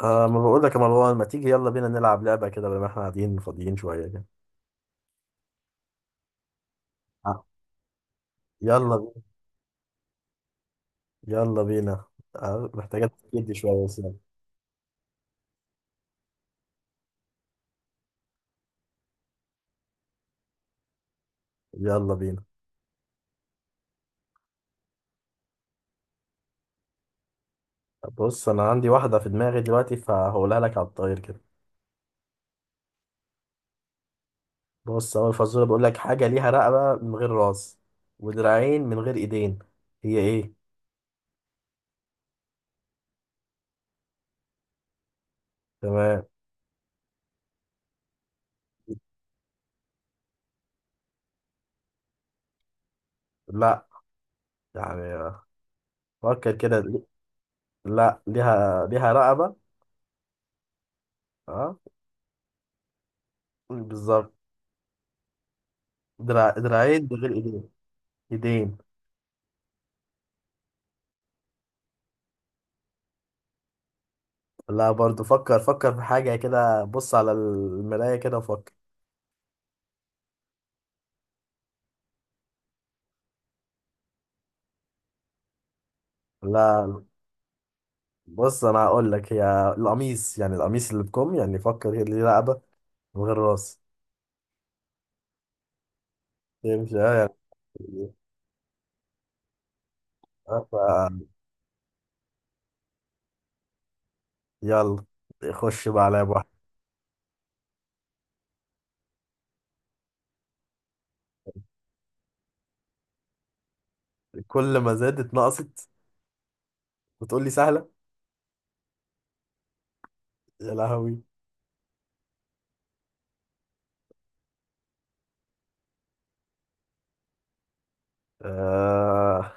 ما بقول لك يا مروان، ما تيجي يلا بينا نلعب لعبة كده بما احنا قاعدين فاضيين شوية كده. آه، يلا بينا. يلا بينا. آه، محتاجة تفكير دي شوية بس يعني. يلا بينا. بص انا عندي واحدة في دماغي دلوقتي، فهقولها لك على الطاير كده. بص، اول فزورة بقول لك: حاجة ليها رقبة من غير راس ودراعين من غير ايدين، هي ايه؟ تمام. لا، يعني فكر كده. لا، ليها رقبة. اه. بالظبط. دراعين من غير ايدين. ايدين. لا، برضو فكر في حاجة كده، بص على المراية كده وفكر. لا. بص أنا هقول لك، هي القميص، يعني القميص اللي بكم، يعني فكر كده، ليه رقبة من غير راس. يمشي أه يعني. آه، ف- يلا، خش بقى عليا بواحد. كل ما زادت نقصت وتقول لي سهلة؟ يا لهوي. آه.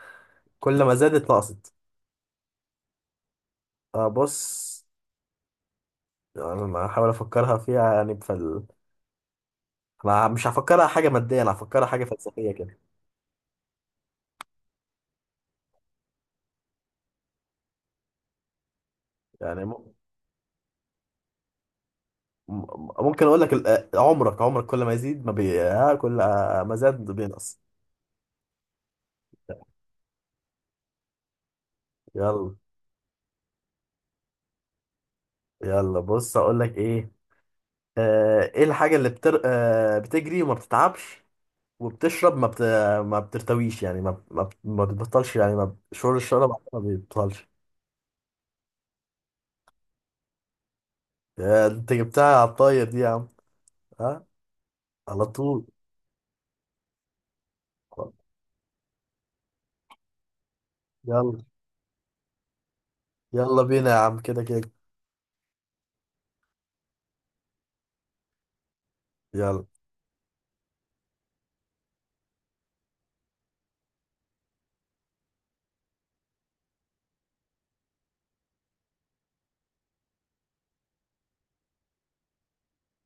كل ما زادت نقصت. آه بص، يعني أنا هحاول أفكرها فيها يعني في ال... أنا مش هفكرها حاجة مادية، أنا هفكرها حاجة فلسفية كده يعني. ممكن اقول لك عمرك، كل ما يزيد ما بي... ها، كل ما زاد بينقص. يلا. يلا بص اقول لك ايه. آه، ايه الحاجة اللي بتر... آه، بتجري وما بتتعبش، وبتشرب ما بت... ما بترتويش يعني، ما بتبطلش، يعني ما ب- شعور الشرب ما بيبطلش. يا انت جبتها على الطاير دي يا عم. ها. على طول. يلا. يلا بينا يا عم، كده كده. يلا.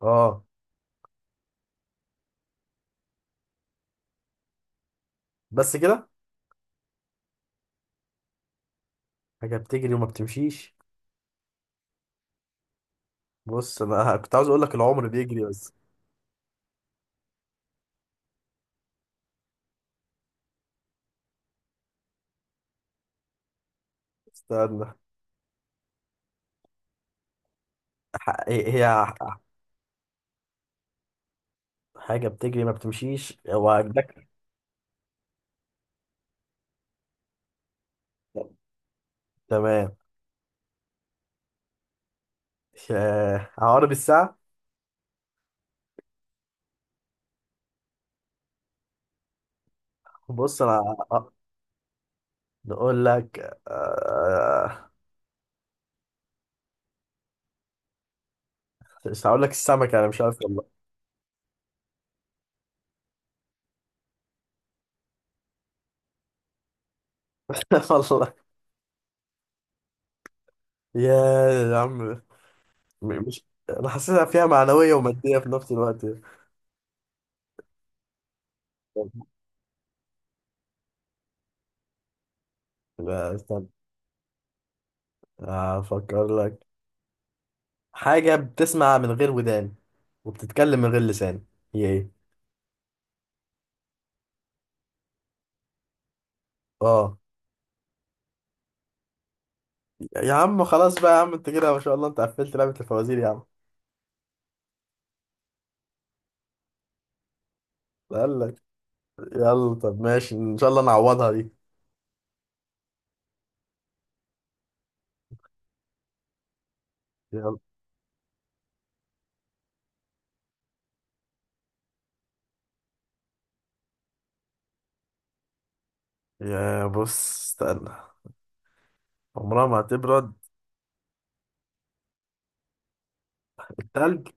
اه. بس كده؟ حاجة بتجري وما بتمشيش. بص انا كنت عاوز اقول لك العمر بيجري بس. استنى. هي حاجة بتجري ما بتمشيش، هو عجبك؟ تمام. آه، عقارب الساعة. بص أنا. آه، نقول لك. آه، مش هقول لك السمكة، أنا مش عارف والله. والله. يا عم. مش أنا حاسسها فيها معنوية ومادية في نفس الوقت. لا استنى. أفكر لك. حاجة بتسمع من غير ودان وبتتكلم من غير لسان، هي إيه؟ آه. يا عم خلاص بقى يا عم، أنت كده ما شاء الله، أنت قفلت لعبة الفوازير يا عم. قال لك. يلا طب ماشي، ان شاء الله نعوضها دي. يلا. يا بص استنى. عمرها ما هتبرد؟ التلج.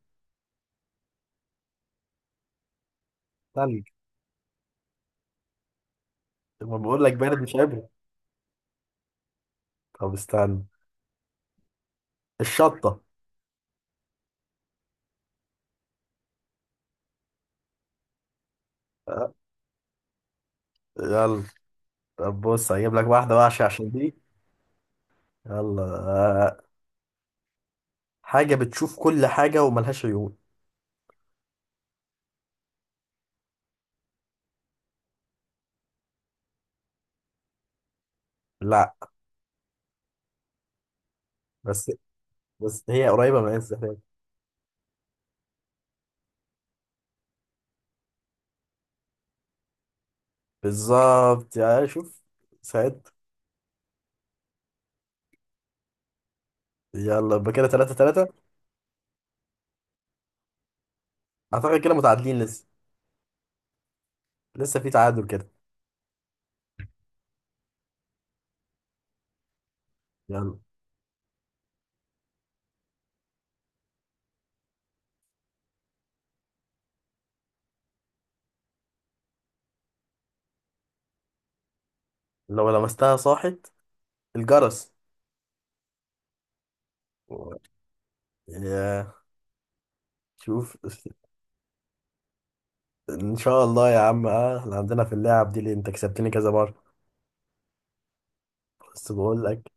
تلج. لما بقول لك بارد مش هيبرد. طب استنى. الشطة. أه، يلا. طب بص هجيب لك واحدة وحشة عشان دي. يلا أه، حاجة بتشوف كل حاجة وملهاش عيون. لا. بس بس هي قريبة من الانسان. بالظبط، يا شوف. سعد. يلا يبقى كده تلاتة تلاتة. أعتقد كده متعادلين لسه. لسه في تعادل كده. يلا. لو لمستها صاحي. الجرس. يا شوف. ان شاء الله يا عم، اه احنا عندنا في اللعب دي اللي انت كسبتني كذا مره، بس بقول لك.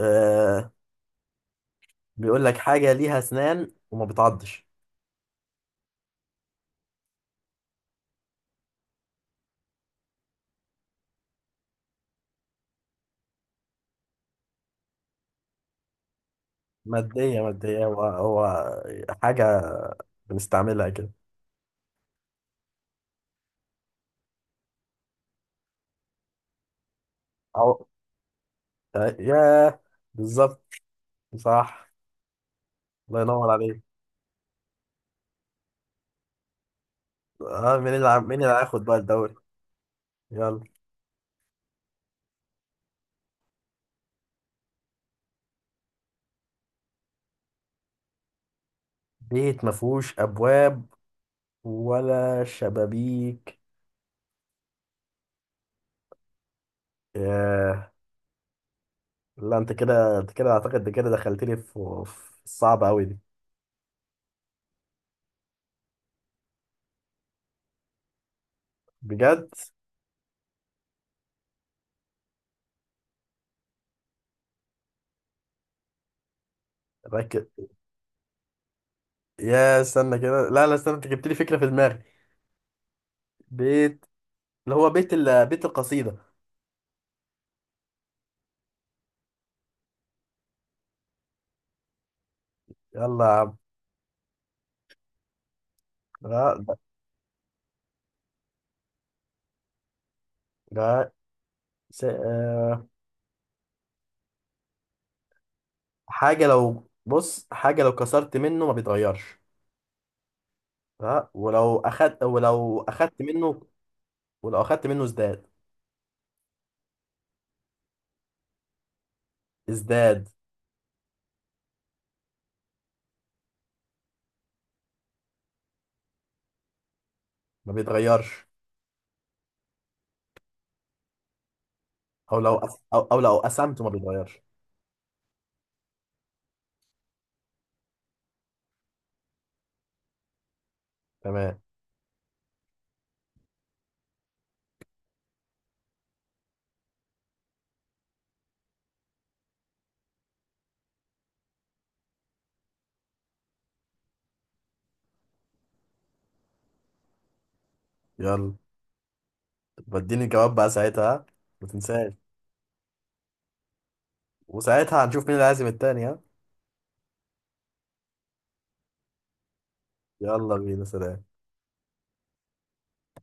آه. بيقول لك حاجه ليها اسنان وما بتعضش. ماديه ماديه، هو هو حاجه بنستعملها كده. أو... آه يا. بالظبط. صح. الله ينور عليك. اه، مين اللي هياخد بقى الدوري؟ يلا. بيت ما فيهوش ابواب ولا شبابيك؟ آه. لا انت كده، اعتقد انت كده دخلتني في في الصعبة قوي دي. بجد. ركز. يا استنى كده، لا استنى، انت جبت لي فكرة في دماغي. بيت. اللي هو بيت ال... بيت القصيدة. يلا يا عم. لا. لا س... آه، حاجة لو حاجة لو كسرت منه ما بيتغيرش. ها، ولو اخدت منه. ولو اخدت منه ازداد. ازداد. ما بيتغيرش. او لو قسمته ما بيتغيرش. تمام. يلا. بديني الجواب بقى ساعتها، ها؟ ما تنساش. وساعتها هنشوف مين اللي هيعزم التاني، ها. يلا بينا، سلام.